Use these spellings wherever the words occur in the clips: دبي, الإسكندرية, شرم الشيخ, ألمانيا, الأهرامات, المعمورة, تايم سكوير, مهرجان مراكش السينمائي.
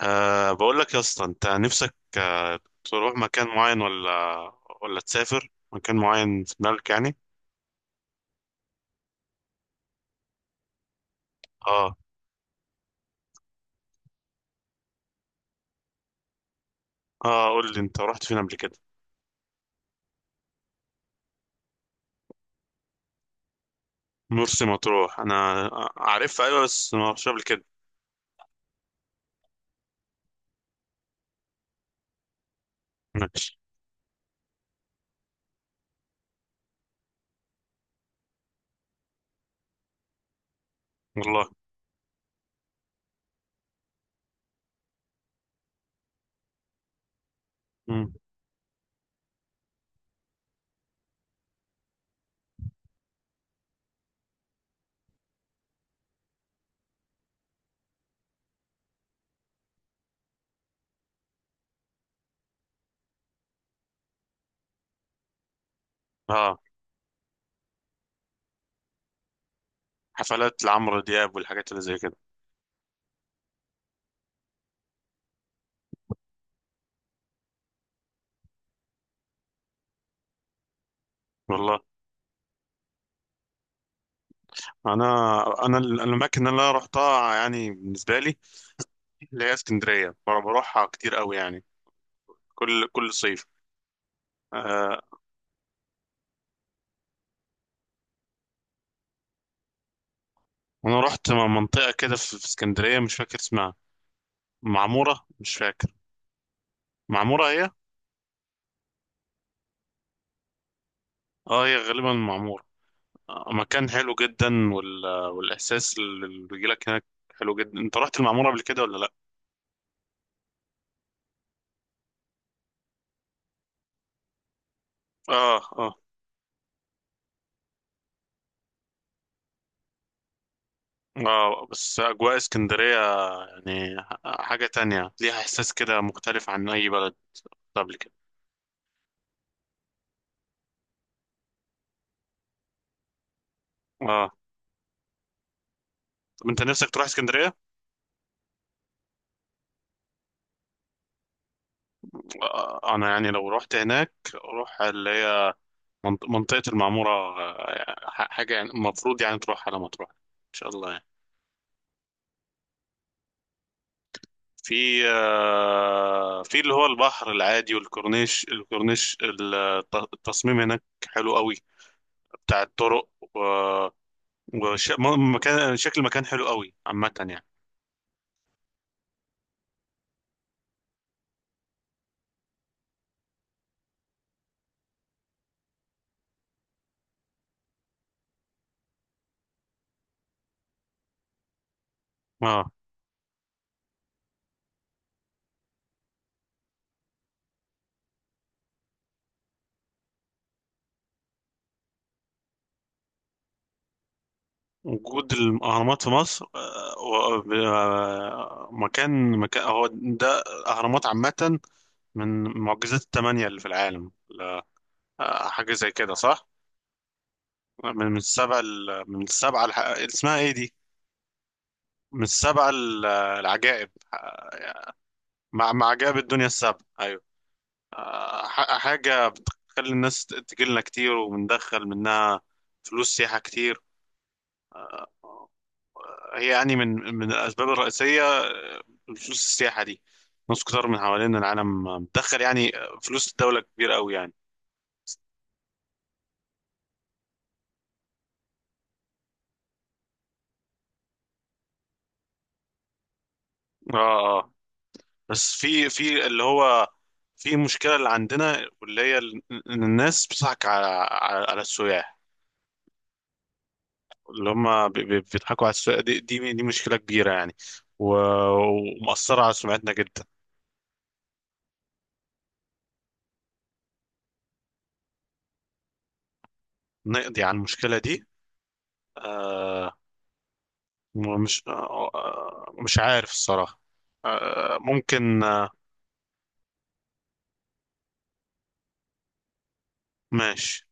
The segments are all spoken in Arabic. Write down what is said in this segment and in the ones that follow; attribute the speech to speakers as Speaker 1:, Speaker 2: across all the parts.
Speaker 1: بقول لك يا اسطى، انت نفسك تروح مكان معين ولا تسافر مكان معين في دماغك يعني؟ اه. اه، قول لي انت رحت فين قبل كده. مرسى مطروح انا عارفها، ايوه، بس ما رحتش قبل كده. ماشي. والله. مم. اه. حفلات لعمرو دياب والحاجات اللي زي كده. والله. انا الاماكن اللي انا رحتها يعني بالنسبه لي، اللي هي اسكندريه، بروحها كتير قوي يعني، كل صيف. آه. انا رحت منطقه كده في اسكندريه، مش فاكر اسمها. معمورة، مش فاكر. معمورة هي. اه، هي غالبا معمورة. مكان حلو جدا. والإحساس اللي بيجيلك هناك حلو جدا. انت رحت المعمورة قبل كده ولا لأ؟ اه. اه. اه، بس أجواء اسكندرية يعني حاجة تانية، ليها إحساس كده مختلف عن أي بلد قبل كده. اه، طب انت نفسك تروح اسكندرية؟ انا يعني لو رحت هناك اروح اللي هي منطقة المعمورة. حاجة يعني المفروض يعني تروح على ما تروح ان شاء الله يعني. في اللي هو البحر العادي والكورنيش. الكورنيش التصميم هناك حلو قوي بتاع الطرق، و- وش م- مكان شكل المكان حلو قوي عامة يعني. اه. وجود الأهرامات في مصر، مكان هو ده، الأهرامات عامة من معجزات الثمانية اللي في العالم، حاجة زي كده، صح؟ من السبعة، اسمها ايه دي؟ من السبع العجائب. مع جاب الدنيا السابقة، أيوة. حاجة بتخلي الناس تجيلنا كتير، وبندخل منها فلوس سياحة كتير. هي يعني من الأسباب الرئيسية، فلوس السياحة دي. ناس كتير من حوالين العالم بتدخل يعني فلوس الدولة كبيرة أوي يعني. اه. اه. بس في اللي هو، في مشكلة اللي عندنا، واللي هي إن الناس بتضحك على على السياح، اللي هم بيضحكوا على السوق دي. دي مشكلة كبيرة يعني. و- ومأثرة على سمعتنا جدا. نقضي على المشكلة دي. آه. مش عارف الصراحة. ممكن. آه. ماشي.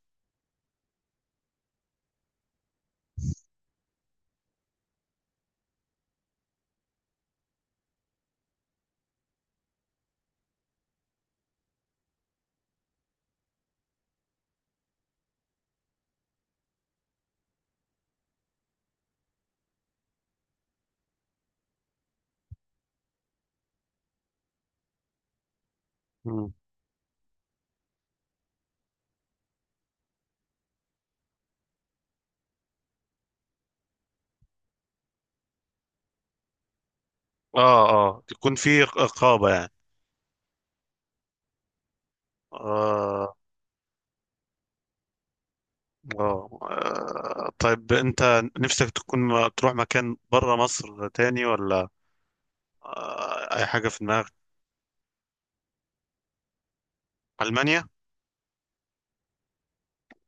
Speaker 1: مم. اه. اه، يكون في رقابة يعني. آه طيب أنت نفسك تكون تروح مكان برا مصر تاني ولا؟ أي حاجة في دماغك؟ ألمانيا.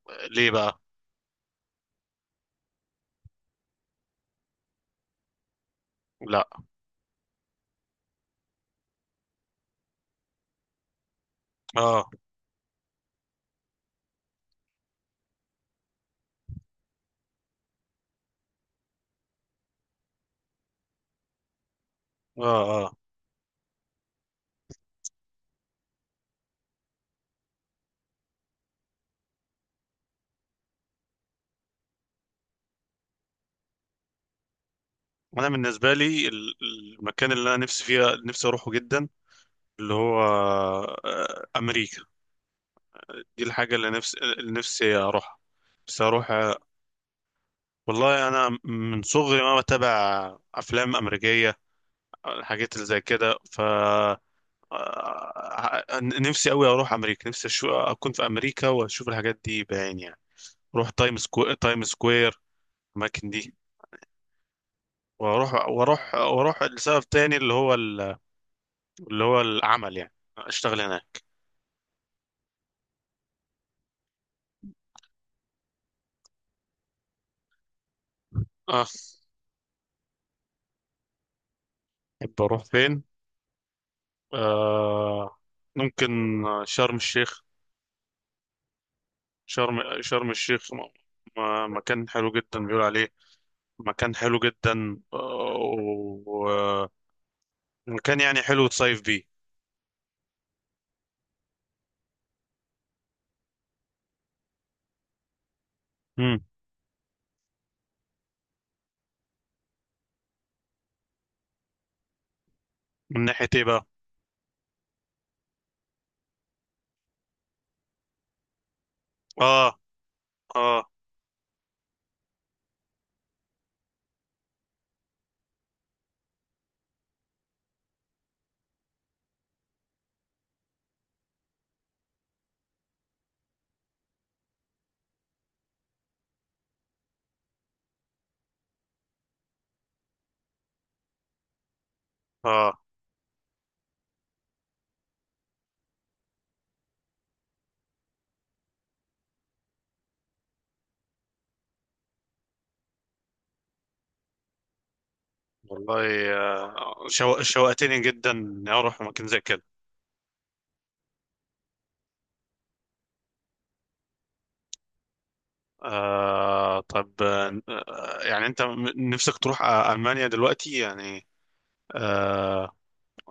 Speaker 1: ليه بقى؟ لا. اه. اه. آه. انا بالنسبه لي المكان اللي انا نفسي فيها، نفسي اروحه جدا، اللي هو امريكا. دي الحاجه اللي نفسي، اروحها. بس اروح. والله انا من صغري ما بتابع افلام امريكيه، الحاجات اللي زي كده. نفسي قوي اروح امريكا، نفسي اكون في امريكا واشوف الحاجات دي بعيني يعني، اروح تايم سكوير، الاماكن دي. واروح واروح واروح لسبب تاني، اللي هو اللي هو العمل يعني، اشتغل هناك. اه. أحب أروح فين؟ آه ممكن شرم الشيخ. شرم الشيخ، مكان حلو جدا بيقول عليه، مكان حلو جدا، ومكان يعني حلو تصيف بيه. مم. من ناحية إيه بقى؟ آه. آه. آه والله، شوقتني جدا إني أروح مكان زي كده. طب، يعني أنت نفسك تروح ألمانيا دلوقتي يعني. آه.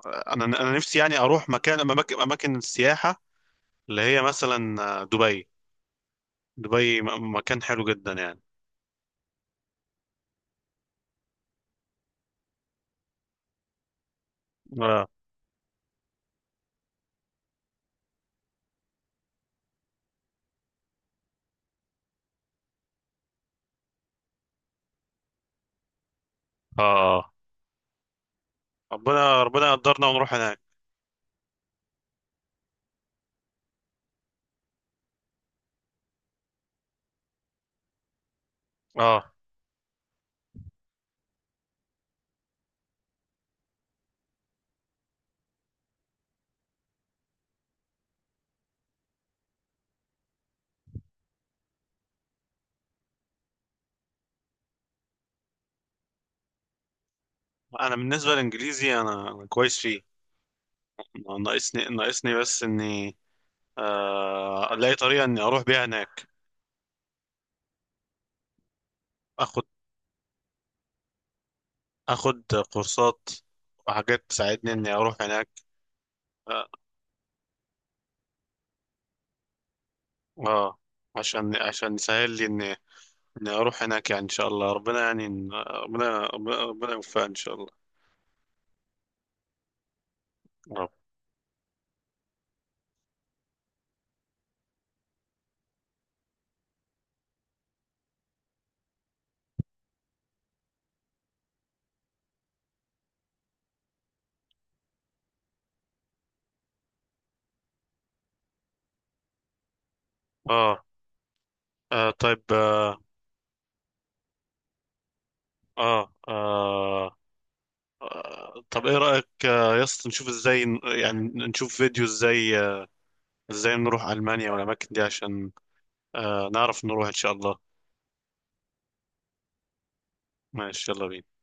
Speaker 1: انا نفسي يعني اروح مكان اماكن اماكن السياحه، اللي هي مثلا دبي. دبي مكان حلو جدا يعني. اه. اه. ربنا ربنا يقدرنا ونروح هناك. اه. انا بالنسبه للانجليزي، انا كويس فيه. ناقصني بس اني الاقي طريقه اني اروح بيها هناك. اخد اخد كورسات وحاجات تساعدني اني اروح هناك. اه. آه. عشان يسهل لي اني اروح هناك يعني ان شاء الله، ربنا يعني ربنا ربنا ربنا يوفقنا ان شاء الله. نعم. آه. طيب. آه. آه. طب إيه رأيك يا اسطى، نشوف إزاي يعني نشوف فيديو إزاي إزاي نروح ألمانيا والأماكن دي، عشان نعرف نروح إن شاء الله. ماشي، يلا بينا.